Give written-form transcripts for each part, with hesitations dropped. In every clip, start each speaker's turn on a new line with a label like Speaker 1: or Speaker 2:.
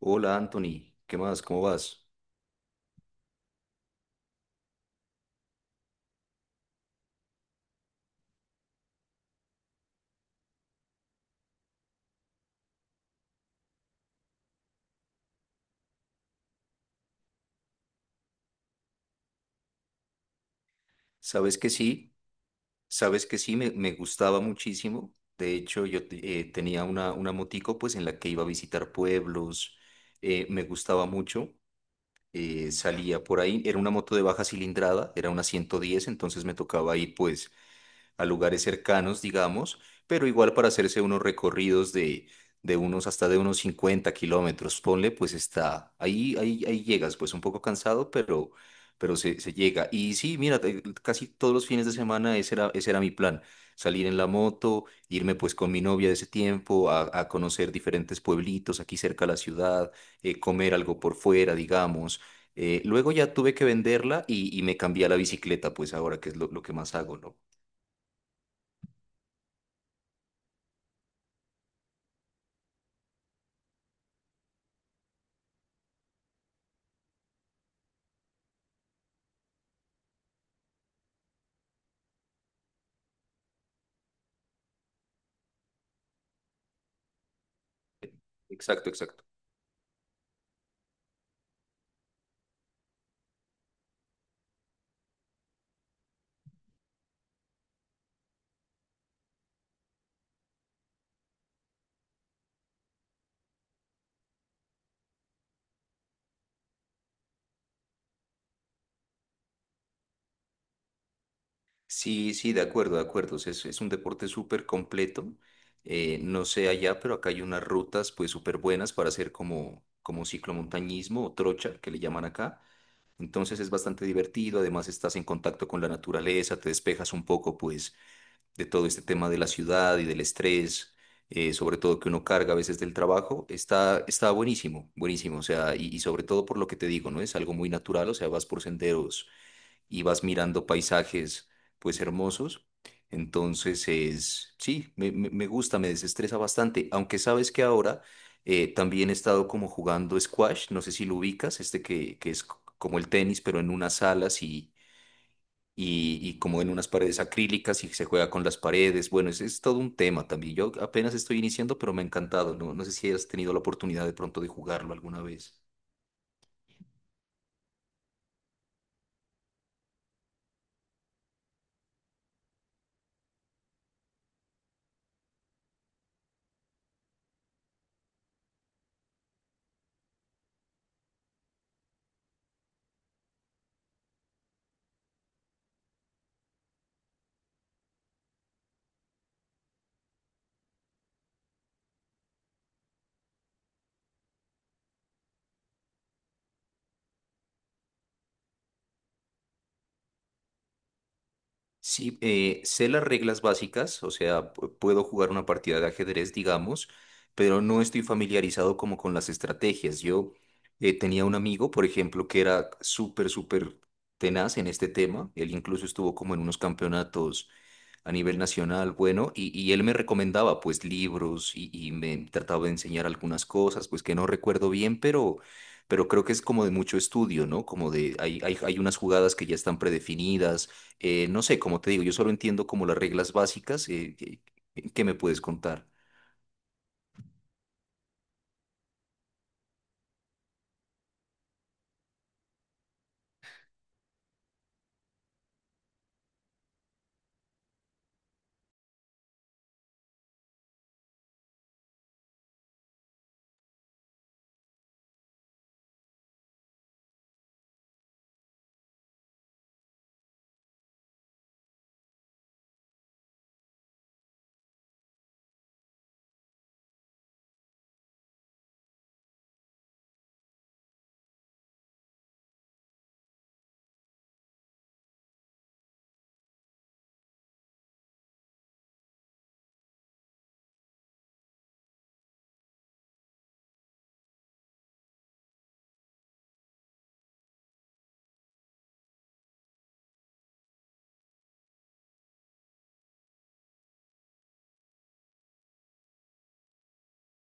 Speaker 1: Hola Anthony, ¿qué más? ¿Cómo vas? Sabes que sí, sabes que sí, me gustaba muchísimo. De hecho, tenía una motico pues en la que iba a visitar pueblos, me gustaba mucho, salía por ahí, era una moto de baja cilindrada, era una 110. Entonces me tocaba ir pues a lugares cercanos, digamos, pero igual para hacerse unos recorridos de unos, hasta de unos 50 kilómetros, ponle, pues está, ahí llegas, pues un poco cansado, pero se llega. Y sí, mira, casi todos los fines de semana ese era mi plan, salir en la moto, irme pues con mi novia de ese tiempo a conocer diferentes pueblitos aquí cerca de la ciudad, comer algo por fuera, digamos. Luego ya tuve que venderla y me cambié a la bicicleta, pues ahora que es lo que más hago, ¿no? Exacto, exacto. Sí, sí, de acuerdo, de acuerdo. O sea, es un deporte súper completo. No sé allá, pero acá hay unas rutas pues súper buenas para hacer como ciclomontañismo o trocha, que le llaman acá. Entonces es bastante divertido, además estás en contacto con la naturaleza, te despejas un poco pues de todo este tema de la ciudad y del estrés, sobre todo que uno carga a veces del trabajo. Está buenísimo, buenísimo. O sea, y sobre todo por lo que te digo, ¿no? Es algo muy natural, o sea, vas por senderos y vas mirando paisajes pues hermosos. Entonces es, sí, me gusta, me desestresa bastante, aunque sabes que ahora también he estado como jugando squash, no sé si lo ubicas, este que es como el tenis, pero en unas salas y como en unas paredes acrílicas y se juega con las paredes. Bueno, es todo un tema también. Yo apenas estoy iniciando, pero me ha encantado, ¿no? No sé si has tenido la oportunidad de pronto de jugarlo alguna vez. Sí, sé las reglas básicas, o sea, puedo jugar una partida de ajedrez, digamos, pero no estoy familiarizado como con las estrategias. Yo tenía un amigo, por ejemplo, que era súper, súper tenaz en este tema. Él incluso estuvo como en unos campeonatos a nivel nacional, bueno, y él me recomendaba pues libros y me trataba de enseñar algunas cosas, pues que no recuerdo bien, pero... Pero creo que es como de mucho estudio, ¿no? Como de, hay unas jugadas que ya están predefinidas, no sé, como te digo, yo solo entiendo como las reglas básicas. ¿Qué me puedes contar?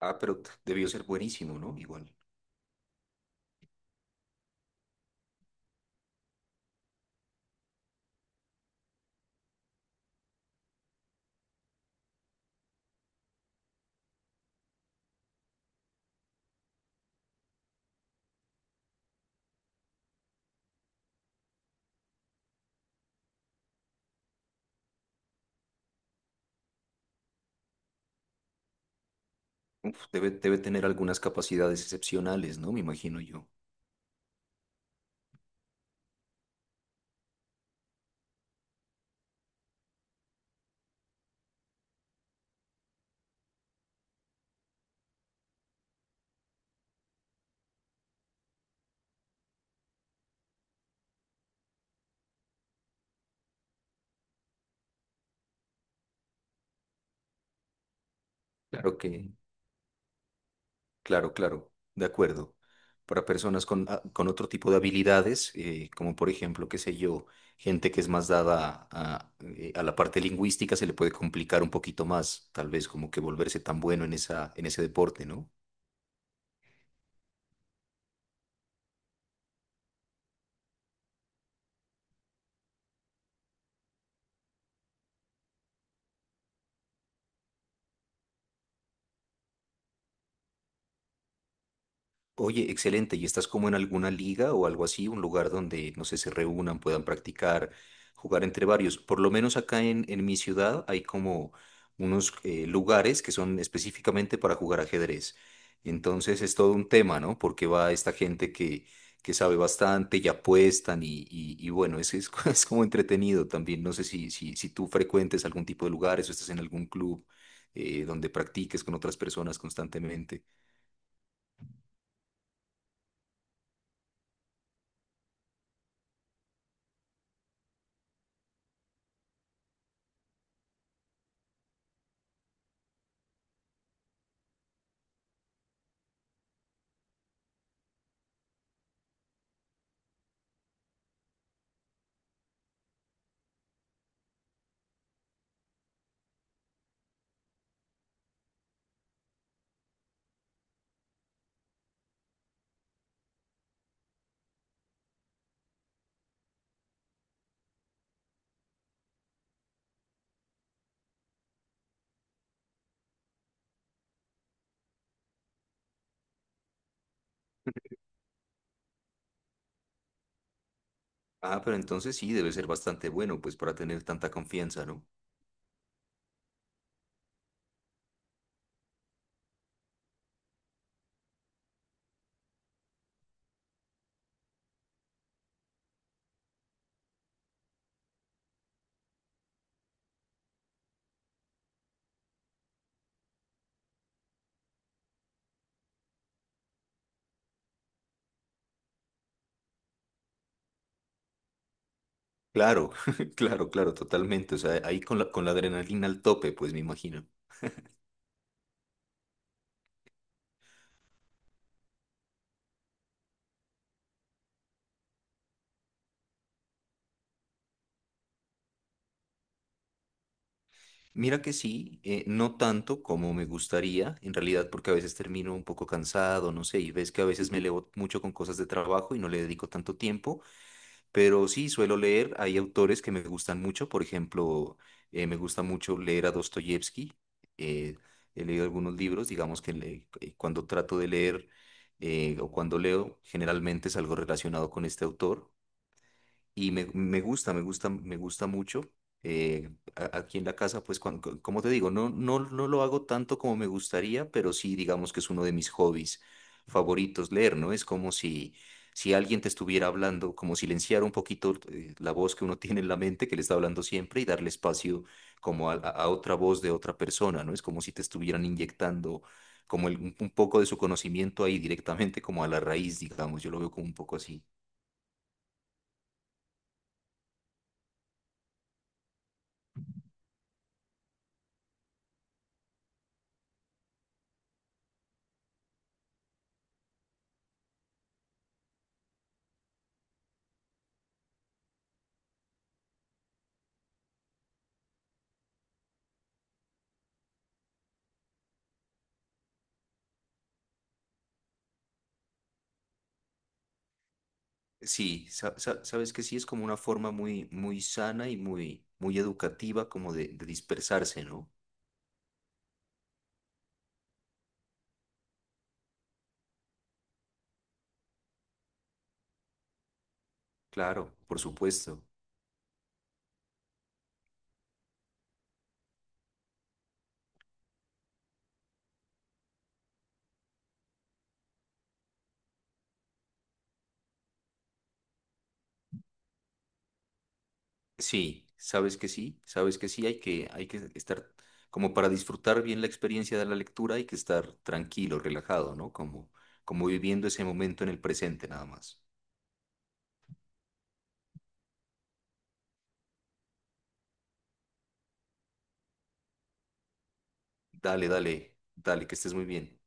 Speaker 1: Ah, pero debió ser buenísimo, ¿no? Igual. Uf, debe tener algunas capacidades excepcionales, ¿no? Me imagino yo. Claro que, claro, claro, de acuerdo. Para personas con, ah, con otro tipo de habilidades, como por ejemplo, qué sé yo, gente que es más dada a la parte lingüística, se le puede complicar un poquito más, tal vez como que volverse tan bueno en esa, en ese deporte, ¿no? Oye, excelente. ¿Y estás como en alguna liga o algo así? Un lugar donde, no sé, se reúnan, puedan practicar, jugar entre varios. Por lo menos acá en mi ciudad hay como unos lugares que son específicamente para jugar ajedrez. Entonces es todo un tema, ¿no? Porque va esta gente que sabe bastante y apuestan y bueno, es como entretenido también. No sé si tú frecuentes algún tipo de lugares o estás en algún club donde practiques con otras personas constantemente. Ah, pero entonces sí, debe ser bastante bueno, pues para tener tanta confianza, ¿no? Claro, claro, claro, totalmente. O sea, ahí con la adrenalina al tope, pues me imagino. Mira que sí, no tanto como me gustaría, en realidad, porque a veces termino un poco cansado, no sé, y ves que a veces me elevo mucho con cosas de trabajo y no le dedico tanto tiempo, pero sí suelo leer, hay autores que me gustan mucho, por ejemplo, me gusta mucho leer a Dostoyevsky, eh, he leído algunos libros, digamos que cuando trato de leer o cuando leo, generalmente es algo relacionado con este autor. Y me gusta, me gusta, me gusta mucho. Eh, Aquí en la casa, pues, como te digo, no lo hago tanto como me gustaría, pero sí, digamos que es uno de mis hobbies favoritos leer, ¿no? Es como si, si alguien te estuviera hablando, como silenciar un poquito la voz que uno tiene en la mente, que le está hablando siempre, y darle espacio como a, a otra voz de otra persona, ¿no? Es como si te estuvieran inyectando como un poco de su conocimiento ahí directamente, como a la raíz, digamos. Yo lo veo como un poco así. Sí, sabes que sí es como una forma muy, muy sana y muy, muy educativa como de dispersarse, ¿no? Claro, por supuesto. Sí, sabes que sí, sabes que sí, hay que estar como para disfrutar bien la experiencia de la lectura, hay que estar tranquilo, relajado, ¿no? Como, como viviendo ese momento en el presente nada más. Dale, dale, dale, que estés muy bien.